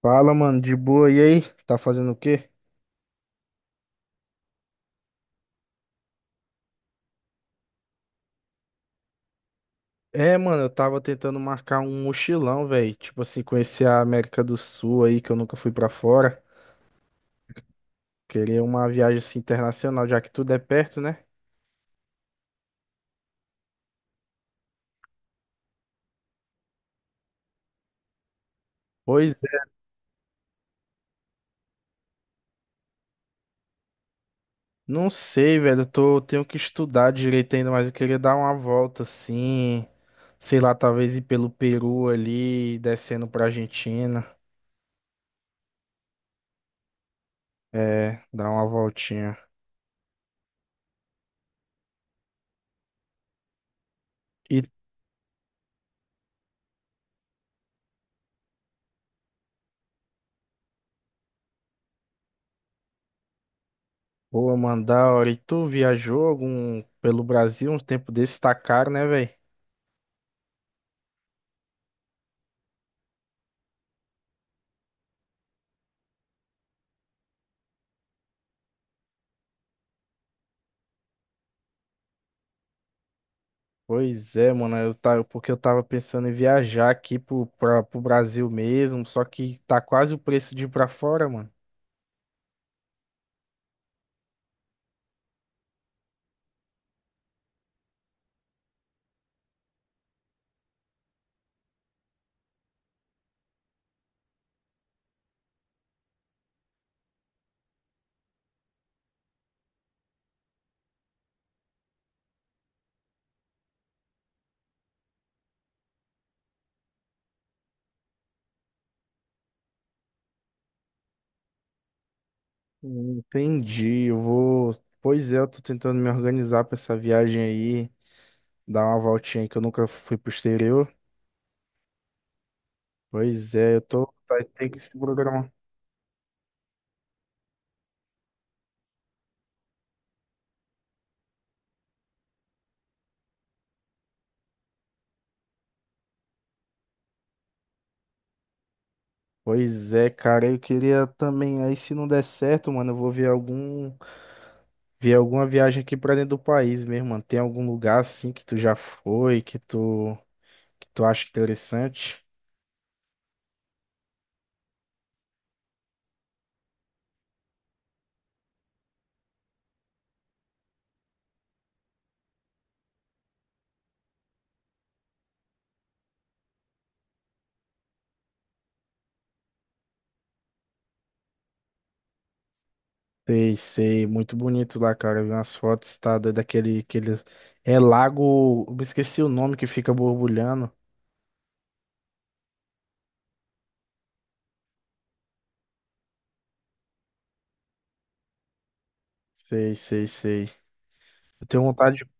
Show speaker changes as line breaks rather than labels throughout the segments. Fala, mano, de boa. E aí? Tá fazendo o quê? É, mano, eu tava tentando marcar um mochilão, velho. Tipo assim, conhecer a América do Sul aí, que eu nunca fui pra fora. Queria uma viagem assim internacional, já que tudo é perto, né? Pois é. Não sei, velho. Tenho que estudar direito ainda, mas eu queria dar uma volta assim. Sei lá, talvez ir pelo Peru ali, descendo pra Argentina. É, dar uma voltinha. E Boa, mano, da E tu viajou algum pelo Brasil um tempo desse? Tá caro, né, velho? Pois é, mano. Eu tava, porque eu tava pensando em viajar aqui pro Brasil mesmo, só que tá quase o preço de ir pra fora, mano. Entendi. Eu vou. Pois é, eu tô tentando me organizar pra essa viagem aí, dar uma voltinha aí que eu nunca fui pro exterior. Pois é, eu tô. Vai ter que se programar. Pois é, cara, eu queria também. Aí se não der certo, mano, eu vou ver algum. Ver alguma viagem aqui pra dentro do país mesmo, mano. Tem algum lugar assim que tu já foi, que tu acha interessante? Sei, sei, muito bonito lá, cara. Eu vi umas fotos, tá doido, aquele, é lago, eu esqueci o nome que fica borbulhando. Sei, sei, sei. Eu tenho vontade de…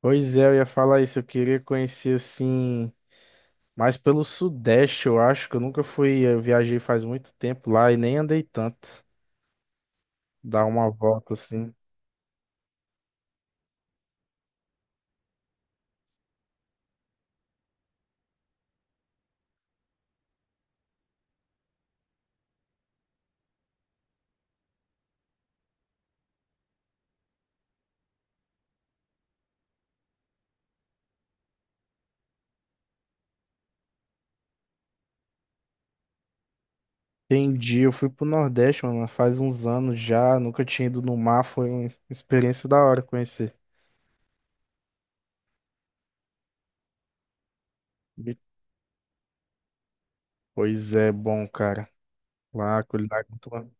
Pois é, eu ia falar isso, eu queria conhecer assim, mais pelo Sudeste, eu acho, que eu nunca fui, eu viajei faz muito tempo lá e nem andei tanto. Dar uma volta assim. Entendi, eu fui pro Nordeste, mano, faz uns anos já, nunca tinha ido no mar, foi uma experiência da hora conhecer. Bi- Pois é, bom, cara. Lá, culinária é muito boa.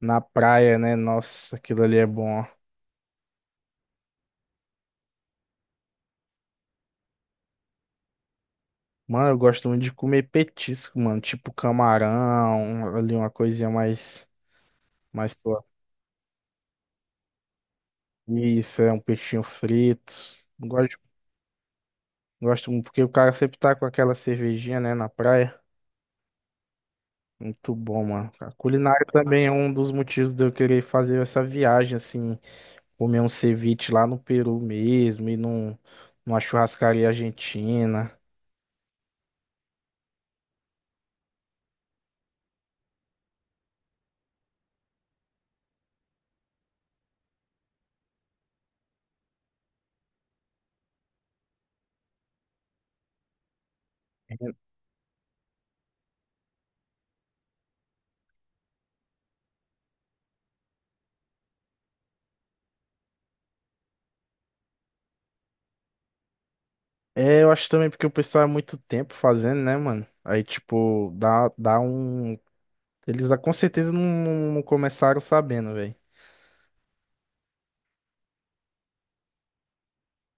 Na praia, né? Nossa, aquilo ali é bom. Mano, eu gosto muito de comer petisco, mano, tipo camarão, ali uma coisinha mais mais sua. Isso, é um peixinho frito. Gosto, gosto muito, porque o cara sempre tá com aquela cervejinha, né, na praia. Muito bom, mano. A culinária também é um dos motivos de eu querer fazer essa viagem, assim, comer um ceviche lá no Peru mesmo e numa churrascaria argentina. É, é, eu acho também porque o pessoal é muito tempo fazendo, né, mano? Aí, tipo, dá um. Com certeza não começaram sabendo, velho.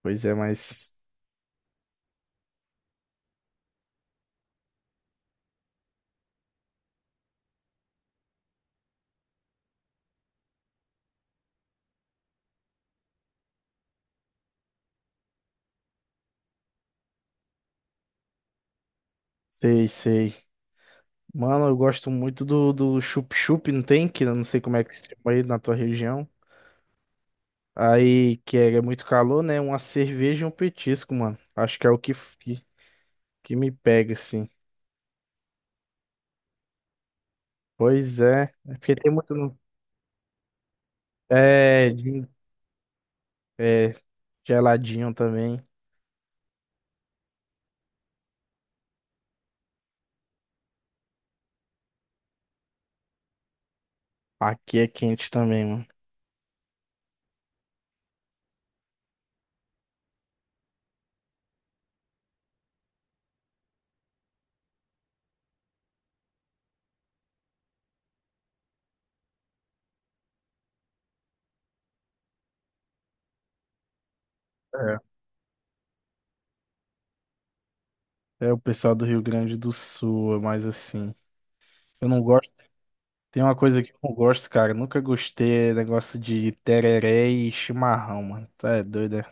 Pois é, mas. Sei, sei. Mano, eu gosto muito do chup-chup, não tem? Que eu não sei como é que se chama aí na tua região. Aí, que é, é muito calor, né? Uma cerveja e um petisco, mano. Acho que é o que, que me pega, assim. Pois é. É porque tem muito. É, de- é, geladinho também. Aqui é quente também, mano. É. É o pessoal do Rio Grande do Sul, é mais assim. Eu não gosto. Tem uma coisa que eu não gosto, cara. Nunca gostei, é negócio de tereré e chimarrão, mano. Tá é doido, é?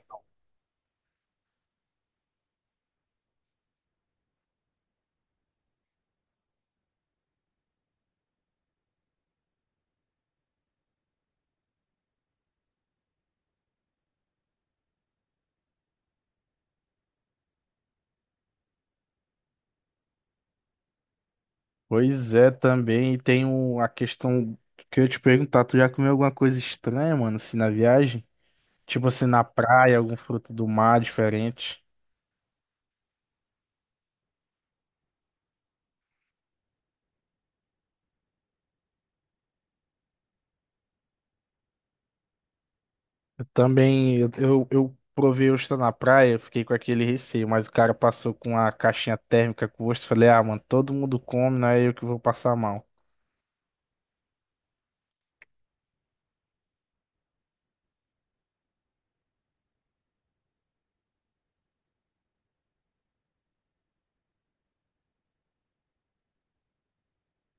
Pois é, também e tem a questão que eu ia te perguntar, tu já comeu alguma coisa estranha, mano, assim, na viagem? Tipo assim, na praia, algum fruto do mar diferente. Eu também, eu provei ostra na praia, eu fiquei com aquele receio, mas o cara passou com a caixinha térmica com ostra, eu falei, ah, mano, todo mundo come, não é eu que vou passar mal.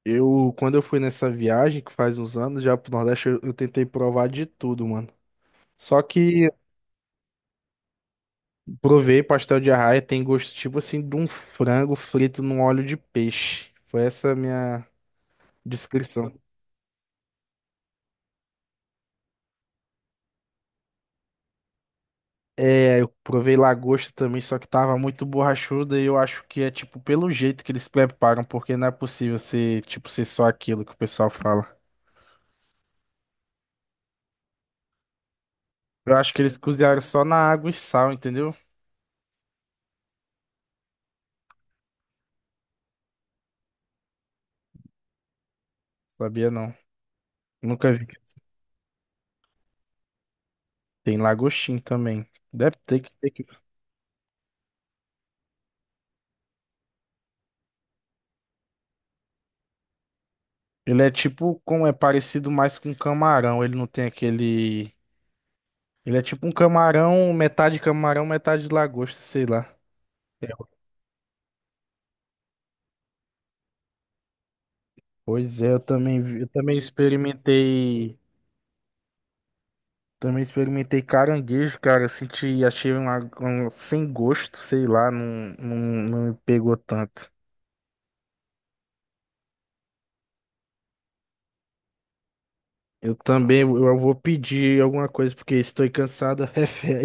Eu, quando eu fui nessa viagem, que faz uns anos, já pro Nordeste, eu tentei provar de tudo, mano. Só que provei pastel de arraia, tem gosto tipo assim de um frango frito num óleo de peixe. Foi essa a minha descrição. É, eu provei lagosta também, só que tava muito borrachuda e eu acho que é tipo pelo jeito que eles preparam, porque não é possível ser tipo ser só aquilo que o pessoal fala. Eu acho que eles cozinharam só na água e sal, entendeu? Sabia não. Nunca vi. Tem lagostim também. Deve ter que ter que. Ele é tipo, como é parecido mais com camarão, ele não tem aquele… Ele é tipo um camarão, metade lagosta, sei lá. É. Pois é, eu também, também experimentei caranguejo, cara. Eu senti, achei um, um sem gosto, sei lá, não me pegou tanto. Eu também, eu vou pedir alguma coisa porque estou cansado, refé.